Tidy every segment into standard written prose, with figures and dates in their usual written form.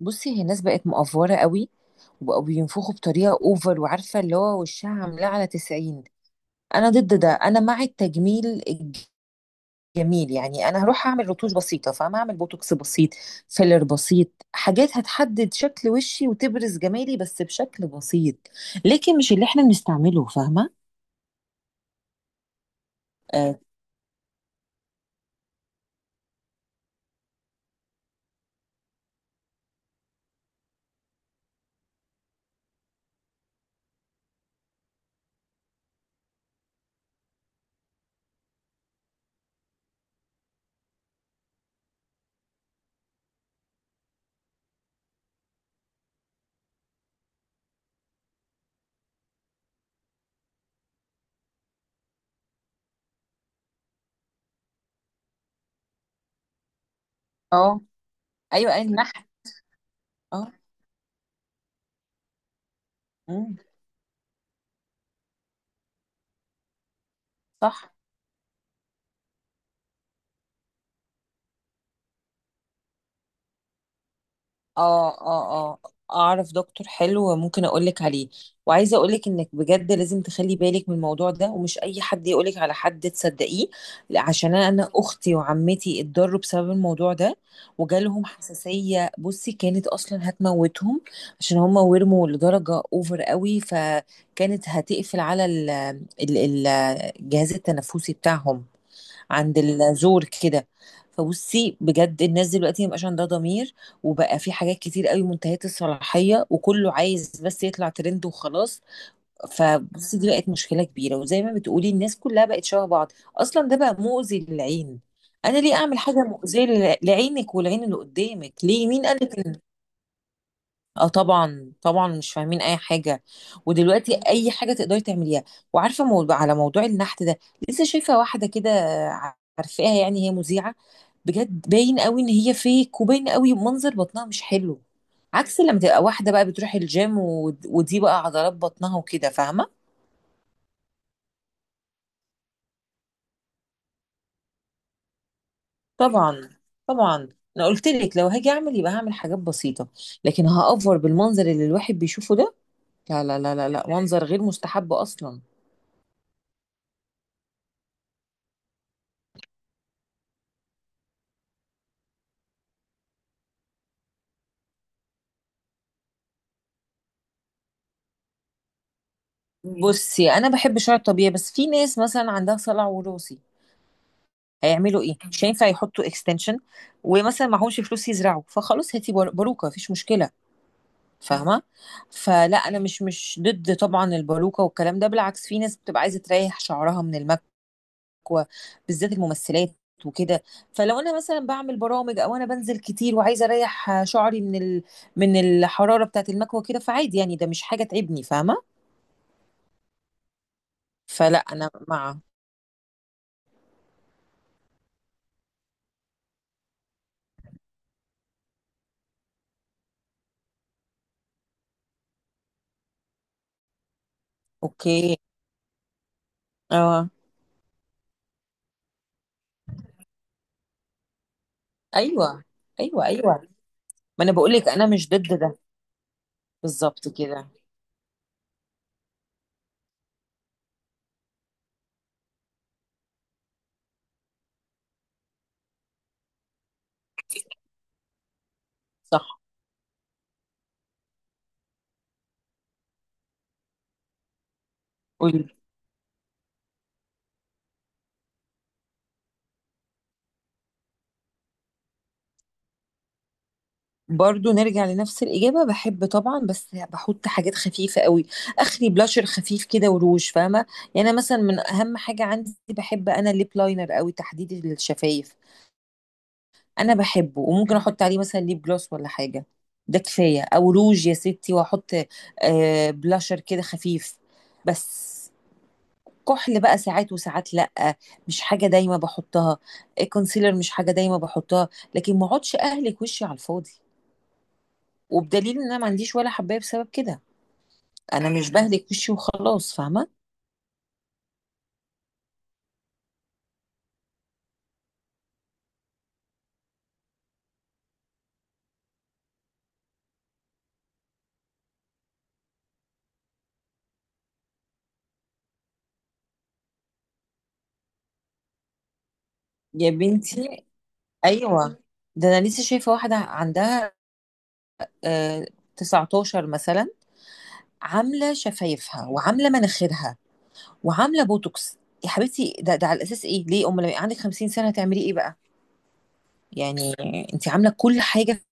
بصي هي الناس بقت مقفورة قوي، وبقوا بينفخوا بطريقة اوفر، وعارفة اللي هو وشها عاملاه على 90. انا ضد ده. انا مع التجميل الجميل، يعني انا هروح اعمل رتوش بسيطة، فاهمة؟ اعمل بوتوكس بسيط، فيلر بسيط، حاجات هتحدد شكل وشي وتبرز جمالي بس بشكل بسيط. لكن مش اللي احنا بنستعمله، فاهمة؟ اه. آه. ايوه، اي. اه. مم. صح. اه، اه، اه. اعرف دكتور حلو، ممكن اقولك عليه. وعايزه اقولك انك بجد لازم تخلي بالك من الموضوع ده، ومش اي حد يقولك على حد تصدقيه. لا، عشان أنا اختي وعمتي اتضروا بسبب الموضوع ده. وجالهم حساسيه، بصي كانت اصلا هتموتهم. عشان هم ورموا لدرجه اوفر قوي، فكانت هتقفل على ال- ال- الجهاز التنفسي بتاعهم، عند الزور كده. فبصي بجد الناس دلوقتي مبقاش عندها ضمير، وبقى في حاجات كتير قوي منتهية الصلاحية، وكله عايز بس يطلع ترند وخلاص. فبصي دي بقت مشكلة كبيرة، وزي ما بتقولي الناس كلها بقت شبه بعض. اصلا ده بقى مؤذي للعين. انا ليه اعمل حاجة مؤذية لعينك والعين اللي قدامك؟ ليه؟ مين قالك؟ اه، طبعا طبعا، مش فاهمين اي حاجه. ودلوقتي اي حاجه تقدري تعمليها. وعارفه موضوع على موضوع النحت ده، لسه شايفه واحده كده، عارفاها، يعني هي مذيعه. بجد باين قوي ان هي فيك، وباين قوي منظر بطنها مش حلو. عكس لما تبقى واحده بقى بتروح الجيم، و- ودي بقى عضلات بطنها وكده، فاهمه؟ طبعا، طبعا. انا قلت لك لو هاجي اعمل يبقى هعمل حاجات بسيطه. لكن هافور بالمنظر اللي الواحد بيشوفه ده؟ لا لا لا لا لا، منظر غير مستحب اصلا. بصي انا بحب شعر طبيعي، بس في ناس مثلا عندها صلع وراثي، هيعملوا ايه؟ مش هينفع يحطوا اكستنشن، ومثلا معهمش فلوس يزرعوا، فخلاص هاتي باروكه، مفيش مشكله، فاهمه؟ فلا انا مش ضد طبعا الباروكه والكلام ده، بالعكس، في ناس بتبقى عايزه تريح شعرها من المكوه، بالذات الممثلات وكده. فلو انا مثلا بعمل برامج، او انا بنزل كتير وعايزه اريح شعري من الحراره بتاعت المكوه كده، فعادي، يعني ده مش حاجه تعبني، فاهمه؟ فلا انا مع. اوكي. اه. ايوه، ايوه، ايوه، ما انا بقول لك انا مش ضد ده. بالظبط كده. صح. قولي. برضو نرجع لنفس الإجابة، بحب طبعا، بس بحط حاجات خفيفة قوي، آخري بلاشر خفيف كده وروج، فاهمة؟ يعني أنا مثلا من أهم حاجة عندي، بحب أنا الليب لاينر قوي، تحديد الشفايف أنا بحبه. وممكن أحط عليه مثلا ليب جلوس ولا حاجة، ده كفاية. أو روج يا ستي، وأحط آه بلاشر كده خفيف بس. كحل بقى ساعات وساعات، لأ، مش حاجة دايما باحطها. كونسيلر مش حاجة دايما باحطها. لكن ما اقعدش أهلِك وشي على الفاضي، وبدليل إن أنا ما عنديش ولا حباية بسبب كده، أنا مش باهلِك وشي وخلاص، فاهمة؟ يا بنتي، أيوه، ده أنا لسه شايفة واحدة عندها آآ 19 مثلًا، عاملة شفايفها، وعاملة مناخيرها، وعاملة بوتوكس. يا حبيبتي ده على أساس إيه؟ ليه؟ أمّال لمّا يبقى عندِك 50 سنة هتعملي إيه بقى؟ يعني أنتِ عاملة كل حاجة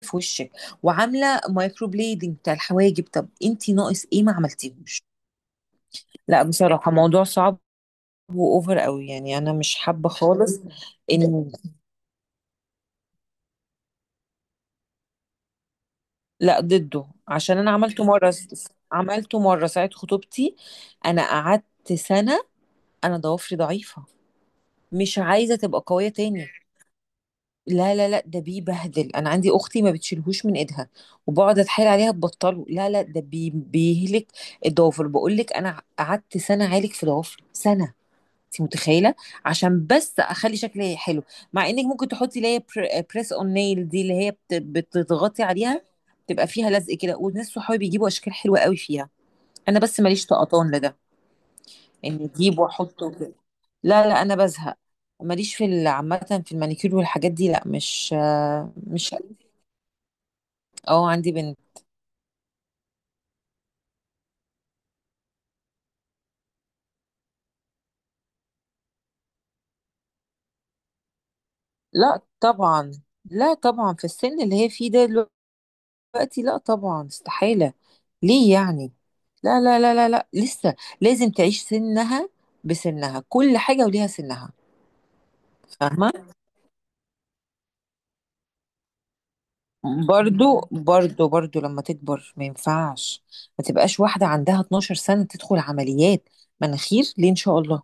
في وشِك، وعاملة microblading بتاع الحواجب، طَب أنتِ ناقص إيه ما عملتيهوش؟ لأ بصراحة موضوع صعب، وأوفر أوي، يعني أنا مش حابة خالص. إن لأ ضده، عشان أنا عملته مرّة ساعة خطوبتي، أنا قعدت سَنة. أنا ضوافري ضعيفة، مش عايزة تبقى قوية تاني. لا، لا، لأ، ده بيبهدل، أنا عندي أختي ما بتشيلهوش من إيدها، وباقعد أتحايل عليها تبطّله. لا، لأ ده بيهلك الضوافر، باقول لِك أنا قعدت سَنة أعالج في ضوافري، سَنة. انت متخيله؟ عشان بس اخلي شكلي حلو. مع انك ممكن تحطي اللي هي بريس اون نيل دي، اللي هي بتضغطي عليها، تبقى فيها لزق كده، وناس صحابي بيجيبوا اشكال حلوه قوي فيها. انا بس ماليش طقطان لده، اني اجيب واحطه كده. لا لا، انا بزهق، ماليش في عامه في المانيكير والحاجات دي، لا مش آه، مش اه. عندي بنت. لا طبعا. لا طبعا، في السن اللي هي فيه ده دلوقتي، لا طبعا، استحالة. ليه يعني؟ لا لا لا لا لا، لسه لازم تعيش سنها، بسنها كل حاجة وليها سنها، فاهمة؟ برضو برضو برضو لما تكبر ما ينفعش، ما تبقاش واحدة عندها 12 سنة تدخل عمليات مناخير، ليه إن شاء الله؟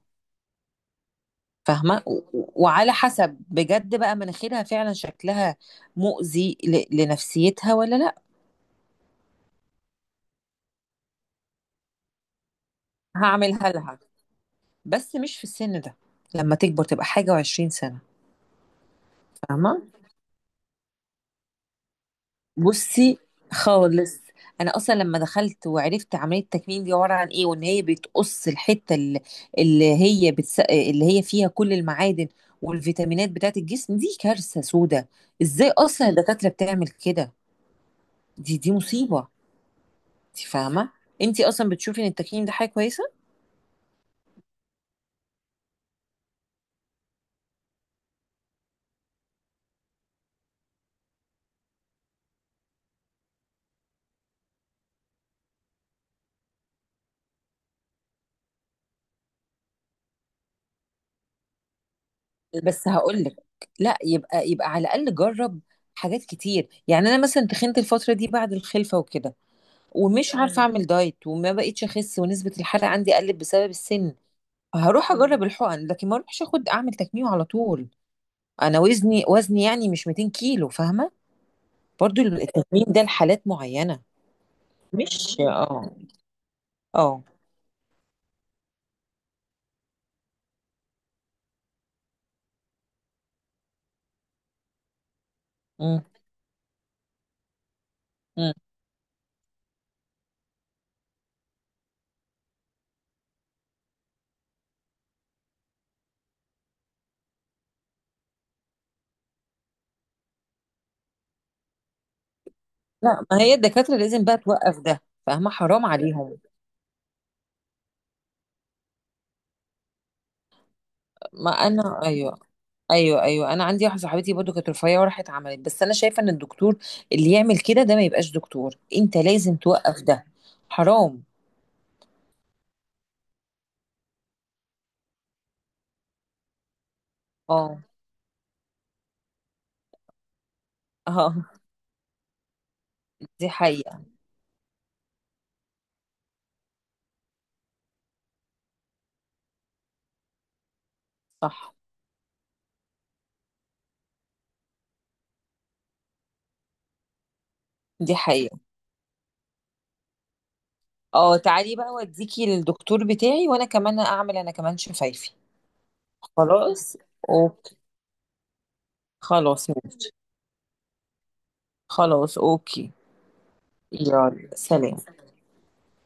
فاهمة؟ و- و- وعلى حسب بجد بقى مناخيرها فعلا شكلها مؤذي لنفسيتها ولا لا. هعملها لها، بس مش في السن ده، لما تكبر تبقى حاجة وعشرين سنة، فاهمة؟ بصي خالص، انا اصلا لما دخلت وعرفت عمليه التكميم دي عباره عن ايه، وان هي بتقص الحته اللي هي اللي هي فيها كل المعادن والفيتامينات بتاعت الجسم، دي كارثه سودة. ازاي اصلا الدكاتره بتعمل كده؟ دي مصيبه. انت فاهمه؟ انت اصلا بتشوفي ان التكميم ده حاجه كويسه؟ بس هقول لك، لا، يبقى على الاقل جرب حاجات كتير، يعني انا مثلا تخنت الفتره دي بعد الخلفه وكده، ومش عارفه اعمل دايت، وما بقيتش اخس، ونسبه الحرق عندي قلت بسبب السن، هروح اجرب الحقن، لكن ما اروحش اخد اعمل تكميم على طول. انا وزني يعني مش 200 كيلو، فاهمه؟ برضو التكميم ده لحالات معينه، مش اه. اه. مم. مم. لا، ما هي الدكاتره لازم بقى توقف ده، فاهمه؟ حرام عليهم. ما انا، ايوه، ايوه، ايوه، انا عندي واحده صاحبتي برضو كانت رفيعه وراحت عملت، بس انا شايفه ان الدكتور اللي يعمل كده ده ما يبقاش دكتور، انت لازم توقف ده، حرام. اه. اه. دي حقيقة. صح. دي حقيقة. اه، تعالي بقى، وديكي للدكتور بتاعي، وانا كمان اعمل، انا كمان شفايفي. خلاص. اوكي. خلاص ماشي. خلاص اوكي. يلا سلام.